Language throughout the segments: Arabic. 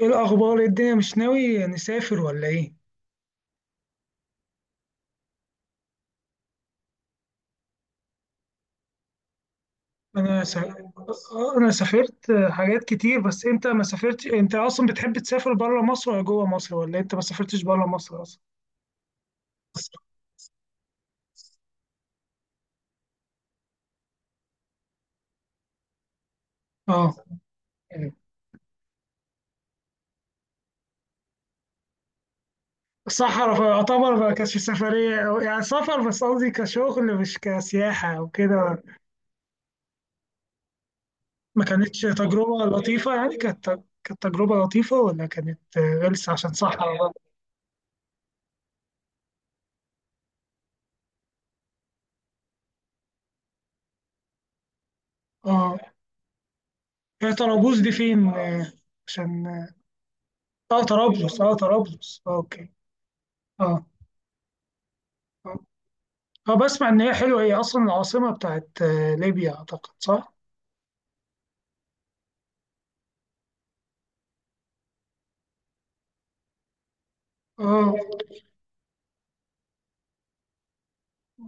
ايه الاخبار؟ إيه الدنيا، مش ناوي نسافر ولا ايه؟ انا س... انا سافرت حاجات كتير، بس انت ما سافرتش. انت اصلا بتحب تسافر بره مصر ولا جوه مصر، ولا انت ما سافرتش بره مصر اصلا؟ اه. صحراء يعتبر ما كانتش سفريه أو يعني سفر، بس قصدي كشغل مش كسياحه او كده. ما كانتش تجربه لطيفه؟ يعني كانت تجربه لطيفه ولا كانت غلسه عشان صحراء بقى؟ اه. هي طرابوس دي فين؟ عشان اه، طرابلس. اه، طرابلس. اه، اوكي. اه، اه، اه، بسمع ان هي حلوه. هي اصلا العاصمه بتاعت ليبيا، اعتقد صح. اه،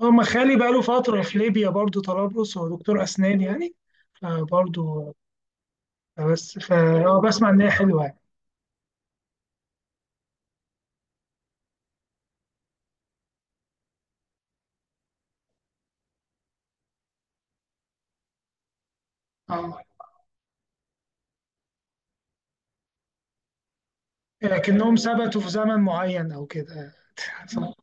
اه، ما خالي بقاله فتره في ليبيا برضو، طرابلس، هو دكتور اسنان يعني. فبرضو بس ف اه بسمع ان هي حلوه يعني. اه، لكنهم ثبتوا في زمن معين او كده. صح.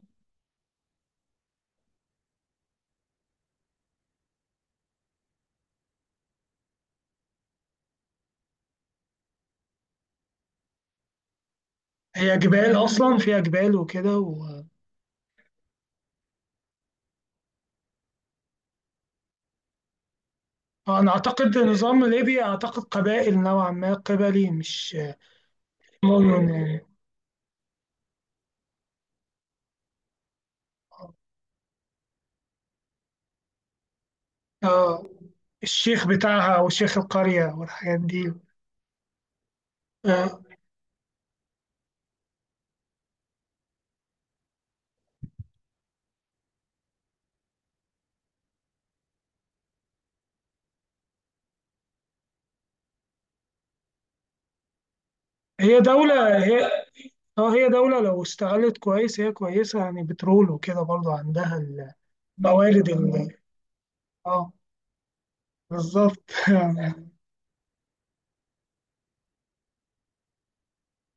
هي جبال، اصلا فيها جبال وكده انا اعتقد نظام ليبيا، اعتقد قبائل نوعا ما، قبلي مش مدن يعني. اه، الشيخ بتاعها او شيخ القرية والحاجات دي. آه. هي دولة هي اه، هي دولة لو استغلت كويس هي كويسة، يعني بترول وكده برضو عندها الموارد اه، بالظبط.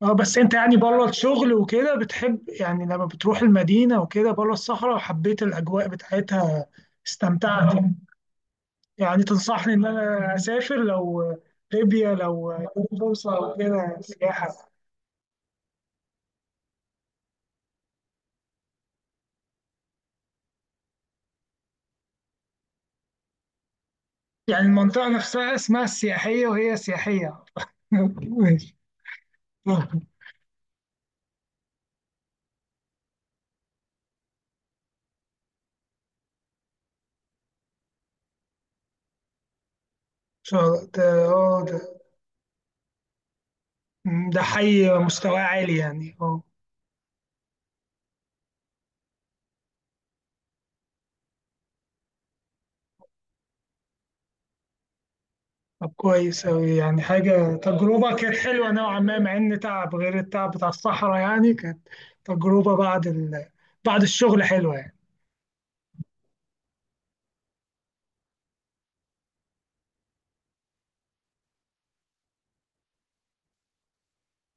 اه، بس انت يعني بره الشغل وكده بتحب، يعني لما بتروح المدينة وكده بره الصحراء، وحبيت الأجواء بتاعتها؟ استمتعت؟ يعني تنصحني ان انا اسافر، لو ليبيا لو جات فرصة وكده، سياحة؟ يعني المنطقة نفسها اسمها السياحية وهي سياحية؟ ماشي. إن شاء الله. ده آه، ده ده حي مستواه عالي يعني. اه. طب كويس أوي، يعني حاجة، تجربة كانت حلوة نوعا ما، مع إن تعب غير التعب بتاع الصحراء، يعني كانت تجربة بعد الشغل حلوة يعني.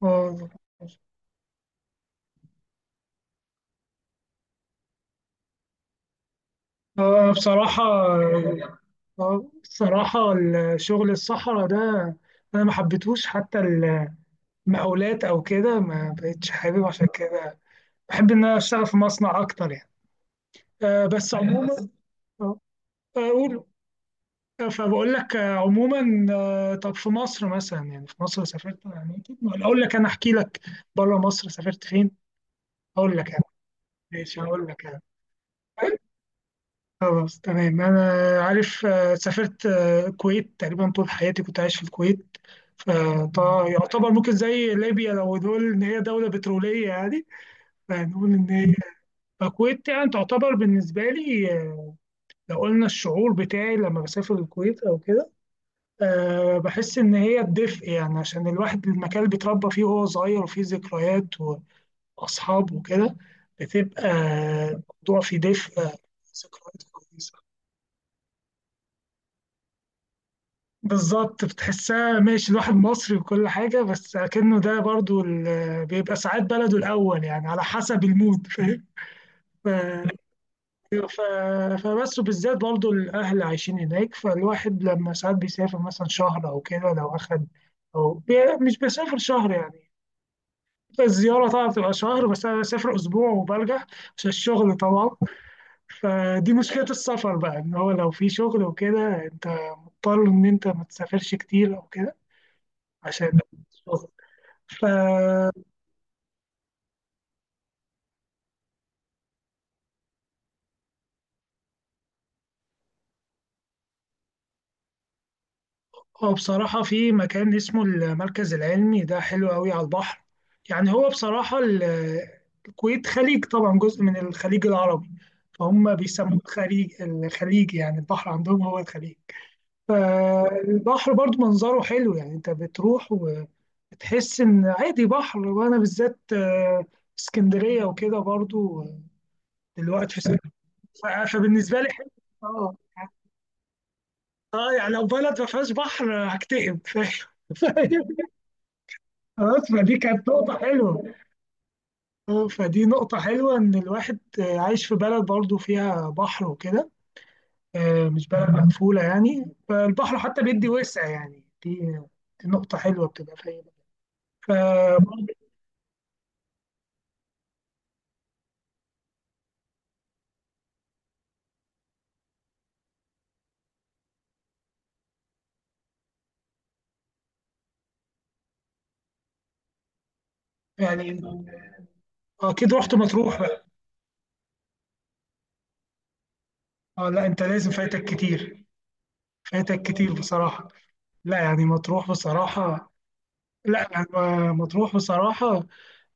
آه، آه، بصراحة بصراحة، الشغل الصحراء ده أنا ما حبيتهوش، حتى المقاولات أو كده ما بقتش حابب عشان كده. بحب ان انا اشتغل في مصنع اكتر يعني. بس ايوه، عموما، بس آه، اقول آه، فبقول لك، عموما. طب في مصر مثلا، يعني في مصر سافرت، يعني أكيد ولا اقول لك، انا احكي لك بره مصر سافرت فين؟ اقول لك انا ماشي هقول لك انا. خلاص، تمام. انا عارف، سافرت الكويت، تقريبا طول حياتي كنت عايش في الكويت. فيعتبر ممكن زي ليبيا، لو نقول ان هي دوله بتروليه يعني، فنقول ان هي الكويت. يعني تعتبر بالنسبه لي، لو قلنا الشعور بتاعي لما بسافر الكويت او كده، أه بحس ان هي الدفء، يعني عشان الواحد المكان اللي بيتربى فيه وهو صغير، وفيه ذكريات واصحاب وكده، بتبقى الموضوع فيه دفء، آه، ذكريات كويسه. بالظبط بتحسها، ماشي الواحد مصري وكل حاجه، بس اكنه ده برضو بيبقى ساعات بلده الاول، يعني على حسب المود، فاهم. ف- أيوة، فبس. وبالذات برضو الأهل عايشين هناك، فالواحد لما ساعات بيسافر مثلا شهر أو كده، لو أخد مش بسافر شهر يعني، الزيارة طبعا بتبقى شهر، بس أنا بسافر أسبوع وبرجع عشان الشغل طبعا. فدي مشكلة السفر بقى، إن هو لو في شغل وكده أنت مضطر إن أنت ما تسافرش كتير أو كده، عشان الشغل. ف هو بصراحة في مكان اسمه المركز العلمي، ده حلو قوي على البحر. يعني هو بصراحة الكويت خليج طبعا، جزء من الخليج العربي، فهم بيسموه الخليج. الخليج يعني البحر عندهم، هو الخليج. فالبحر برضو منظره حلو يعني، انت بتروح وبتحس ان عادي بحر، وانا بالذات اسكندرية وكده برضو، دلوقتي في اسكندرية. ف- فبالنسبة لي حلو. اه، اه، يعني لو بلد ما فيهاش بحر هكتئب، فاهم. خلاص، فدي كانت نقطة حلوة. آه، فدي نقطة حلوة إن الواحد عايش في بلد برضه فيها بحر وكده، آه، مش بلد مقفولة يعني، فالبحر حتى بيدي وسع يعني. دي نقطة حلوة بتبقى في أي بلد. ف يعني أكيد رحت مطروح بقى؟ أه، لا أنت لازم، فايتك كتير. فايتك كتير بصراحة. لا يعني مطروح بصراحة. لا يعني مطروح بصراحة،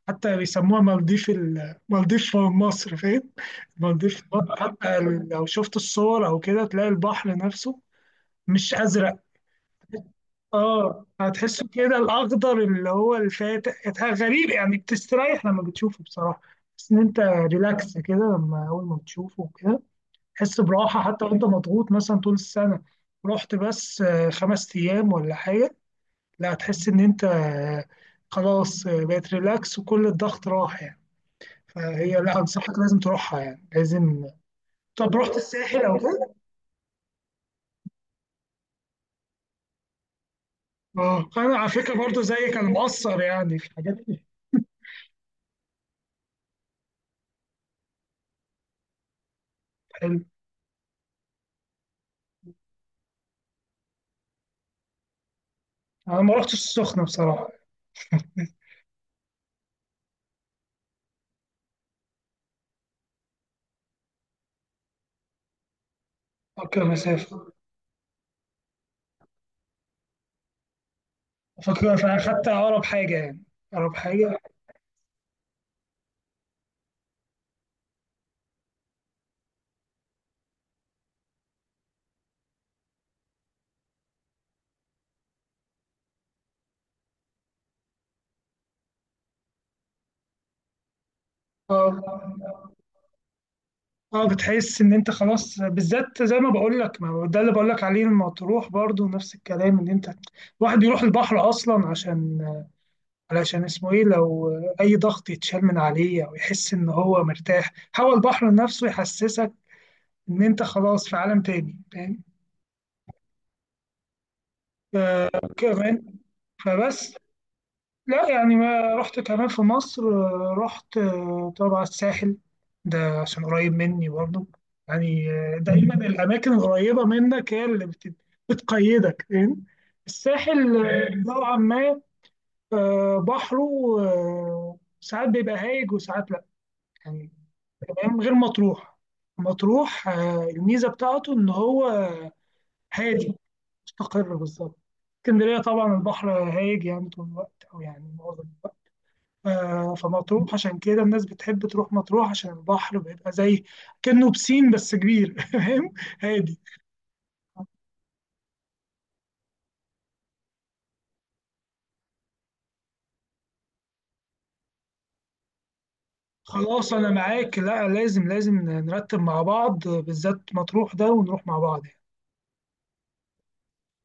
حتى بيسموها مالديف. مالديف مصر، فاهم. مالديف مصر، حتى لو شفت الصور او كده، تلاقي البحر نفسه مش ازرق، اه، هتحسه كده الاخضر اللي هو الفاتح، غريب يعني، بتستريح لما بتشوفه بصراحه. بس ان انت ريلاكس كده لما اول ما بتشوفه كده، تحس براحه حتى وانت مضغوط مثلا طول السنه. رحت بس خمس ايام ولا حاجه، لا هتحس ان انت خلاص، بقت ريلاكس وكل الضغط راح يعني. فهي لا، انصحك لازم تروحها يعني، لازم. طب رحت الساحل او كده؟ اه، انا على فكره برضه زيك، انا مقصر يعني في حاجات كتير حلوه. انا ما رحتش السخنه بصراحه. فاكر مسافه، فاكر، فاخدت اقرب حاجه يعني، اقرب حاجه. اه، اه، بتحس ان انت خلاص، بالذات زي ما بقول لك، ما هو ده اللي بقول لك عليه، لما تروح برضه نفس الكلام، ان انت الواحد يروح البحر اصلا عشان، علشان اسمه ايه، لو اي ضغط يتشال من عليه او يحس ان هو مرتاح، هو البحر نفسه يحسسك ان انت خلاص في عالم تاني، فاهم. آه، كمان. فبس لا يعني ما رحت كمان في مصر، رحت طبعا الساحل، ده عشان قريب مني برضه يعني. آه، دايما الاماكن القريبه منك هي اللي بتقيدك، فاهم. الساحل، نوعا ما، بحره، ساعات بيبقى هايج وساعات لا يعني، تمام غير مطروح. مطروح، الميزه بتاعته ان هو هادي، مستقر بالظبط. اسكندرية طبعا البحر هايج يعني طول الوقت أو يعني معظم الوقت، آه، فمطروح عشان كده الناس بتحب تروح مطروح، عشان البحر بيبقى زي كأنه بسين بس كبير. فاهم. هادي. خلاص أنا معاك، لا لازم، لازم نرتب مع بعض، بالذات مطروح ده، ونروح مع بعض يعني.